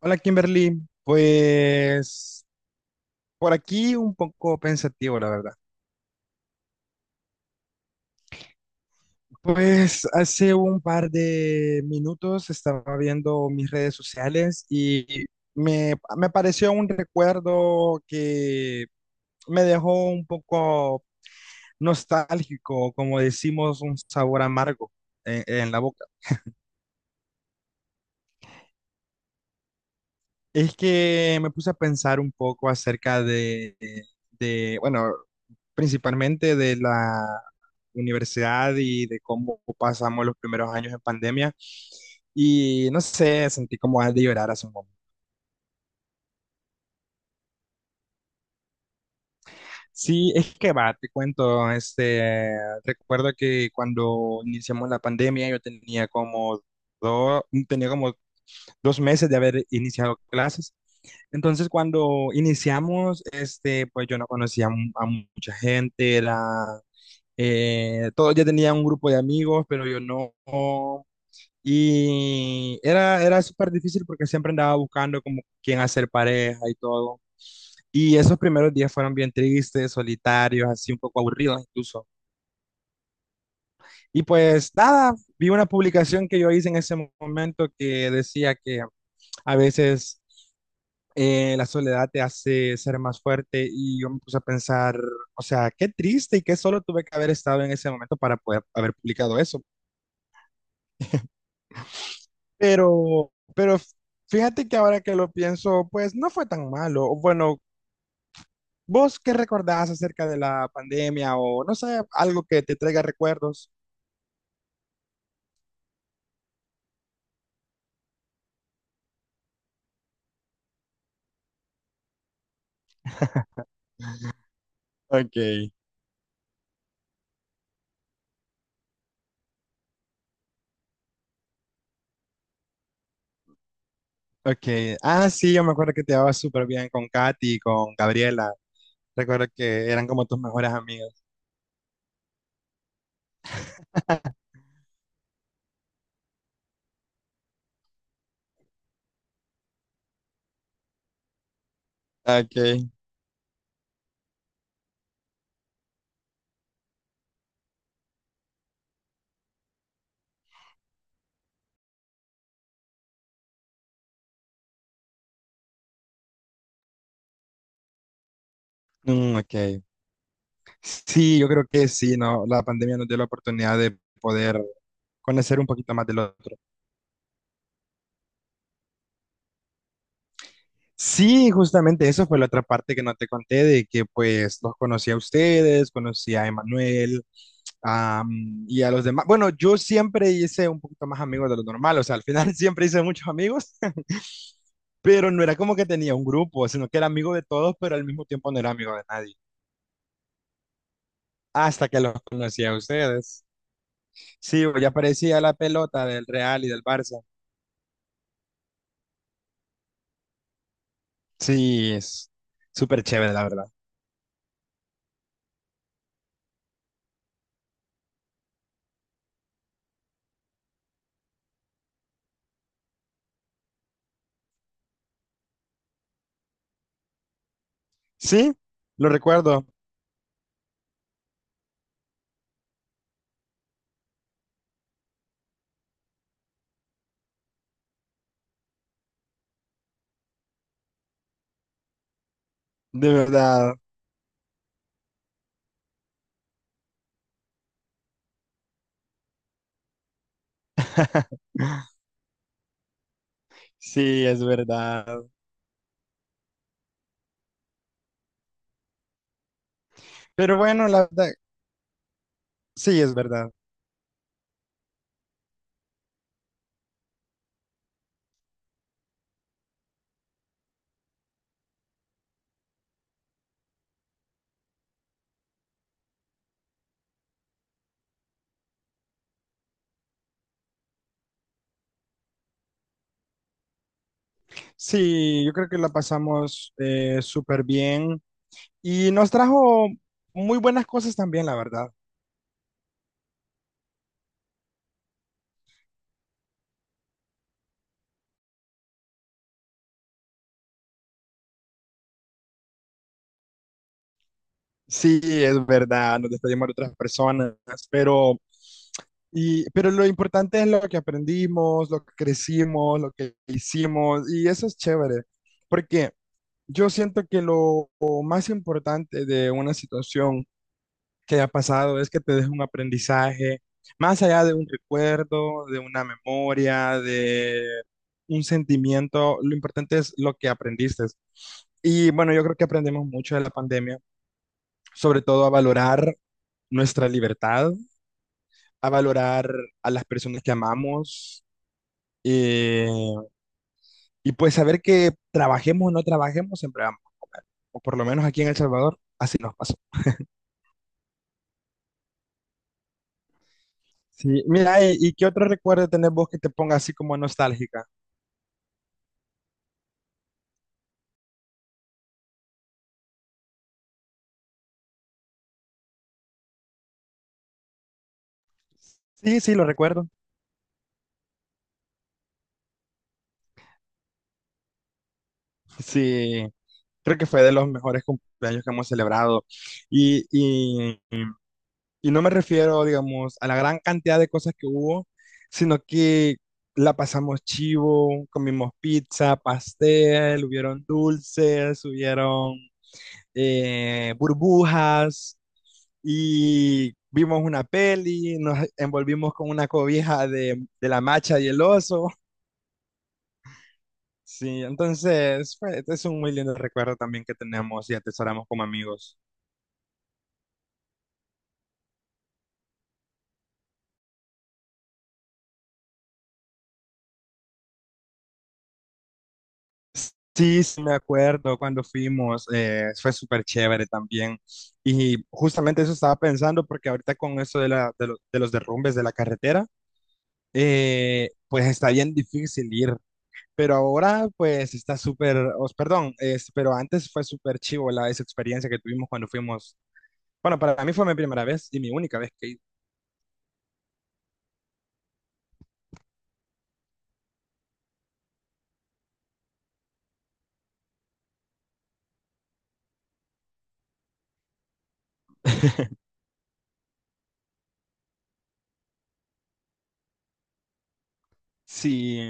Hola Kimberly, pues por aquí un poco pensativo, la verdad. Pues hace un par de minutos estaba viendo mis redes sociales y me apareció un recuerdo que me dejó un poco nostálgico, como decimos, un sabor amargo en la boca. Es que me puse a pensar un poco acerca bueno, principalmente de la universidad y de cómo pasamos los primeros años en pandemia. Y no sé, sentí como ganas de llorar hace un momento. Sí, es que va, te cuento, recuerdo que cuando iniciamos la pandemia yo tenía como tenía como 2 meses de haber iniciado clases. Entonces, cuando iniciamos, este, pues yo no conocía a mucha gente, todos ya tenían un grupo de amigos, pero yo no. Y era súper difícil porque siempre andaba buscando como quién hacer pareja y todo. Y esos primeros días fueron bien tristes, solitarios, así un poco aburridos incluso. Y pues nada, vi una publicación que yo hice en ese momento que decía que a veces la soledad te hace ser más fuerte y yo me puse a pensar, o sea, qué triste y qué solo tuve que haber estado en ese momento para poder haber publicado eso. Pero fíjate que ahora que lo pienso, pues no fue tan malo. O bueno, ¿vos qué recordás acerca de la pandemia o no sé, algo que te traiga recuerdos? Ok, ok. Ah, sí, yo me acuerdo que te llevabas súper bien con Katy, con Gabriela. Recuerdo que eran como tus mejores amigas. Ok, ok. Sí, yo creo que sí, ¿no? La pandemia nos dio la oportunidad de poder conocer un poquito más del otro. Sí, justamente eso fue la otra parte que no te conté, de que pues los conocí a ustedes, conocí a Emanuel, y a los demás. Bueno, yo siempre hice un poquito más amigos de lo normal, o sea, al final siempre hice muchos amigos. Pero no era como que tenía un grupo, sino que era amigo de todos, pero al mismo tiempo no era amigo de nadie. Hasta que los conocí a ustedes. Sí, ya parecía la pelota del Real y del Barça. Sí, es súper chévere, la verdad. Sí, lo recuerdo, de verdad. Sí, es verdad. Pero bueno, la verdad, sí, es verdad. Sí, yo creo que la pasamos súper bien y nos trajo muy buenas cosas también, la verdad. Sí, es verdad, nos despedimos de otras personas, pero, pero lo importante es lo que aprendimos, lo que crecimos, lo que hicimos, y eso es chévere, porque yo siento que lo más importante de una situación que haya pasado es que te deje un aprendizaje, más allá de un recuerdo, de una memoria, de un sentimiento, lo importante es lo que aprendiste. Y bueno, yo creo que aprendimos mucho de la pandemia, sobre todo a valorar nuestra libertad, a valorar a las personas que amamos eh, y pues saber que trabajemos o no trabajemos, siempre amamos, o por lo menos aquí en El Salvador, así nos pasó. Sí, mira, ¿ y qué otro recuerdo tenés vos que te ponga así como nostálgica? Sí, sí, lo recuerdo. Sí, creo que fue de los mejores cumpleaños que hemos celebrado. Y, y Y no me refiero, digamos, a la gran cantidad de cosas que hubo, sino que la pasamos chivo, comimos pizza, pastel, hubieron dulces, hubieron burbujas y vimos una peli, nos envolvimos con una cobija de la macha y el oso. Sí, entonces es un muy lindo recuerdo también que tenemos y atesoramos como amigos. Sí, sí, me acuerdo cuando fuimos, fue súper chévere también. Y justamente eso estaba pensando, porque ahorita con eso de los derrumbes de la carretera, pues está bien difícil ir. Pero ahora, pues está perdón, pero antes fue súper chivo esa experiencia que tuvimos cuando fuimos. Bueno, para mí fue mi primera vez y mi única vez que he ido. Sí,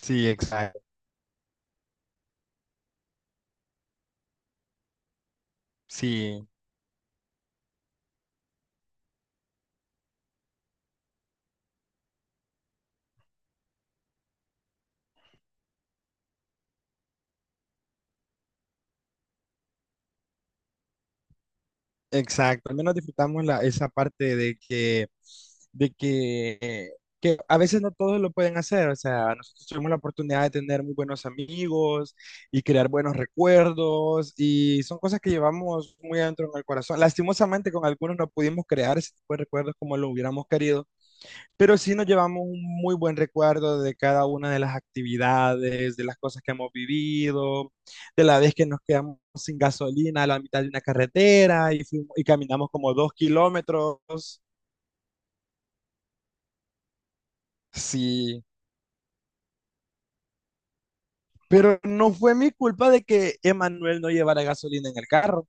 sí, exacto. Sí. Exacto, al menos disfrutamos esa parte de que, que a veces no todos lo pueden hacer, o sea, nosotros tuvimos la oportunidad de tener muy buenos amigos y crear buenos recuerdos y son cosas que llevamos muy adentro en el corazón. Lastimosamente con algunos no pudimos crear ese tipo de recuerdos como lo hubiéramos querido, pero sí nos llevamos un muy buen recuerdo de cada una de las actividades, de las cosas que hemos vivido, de la vez que nos quedamos sin gasolina a la mitad de una carretera y caminamos como 2 kilómetros. Sí, pero no fue mi culpa de que Emanuel no llevara gasolina en el carro.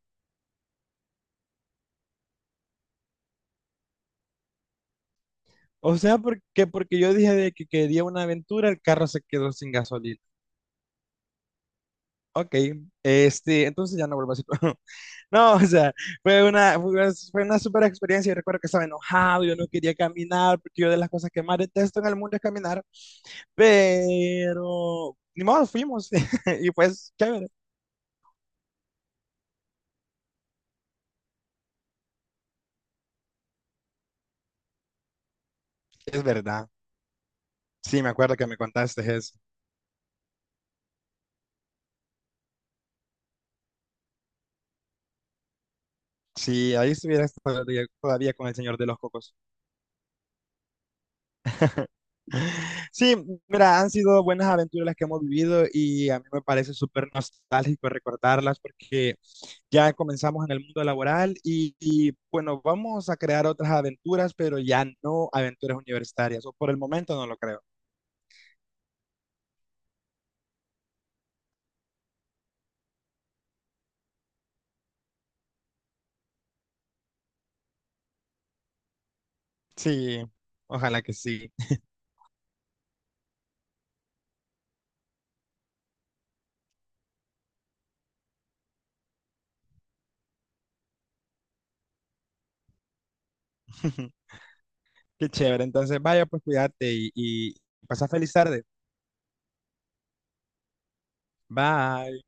O sea, porque yo dije de que quería una aventura, el carro se quedó sin gasolina. Ok, este, entonces ya no vuelvo a decir. No, o sea, fue una fue una super experiencia. Yo recuerdo que estaba enojado, yo no quería caminar, porque yo de las cosas que más detesto en el mundo es caminar, pero ni modo, fuimos. Y pues, chévere. Es verdad. Sí, me acuerdo que me contaste eso. Sí, ahí estuviera todavía, todavía con el señor de los cocos. Sí, mira, han sido buenas aventuras las que hemos vivido y a mí me parece súper nostálgico recordarlas porque ya comenzamos en el mundo laboral bueno, vamos a crear otras aventuras, pero ya no aventuras universitarias, o por el momento no lo creo. Sí, ojalá que sí. Qué chévere, entonces vaya, pues cuídate y pasa feliz tarde. Bye.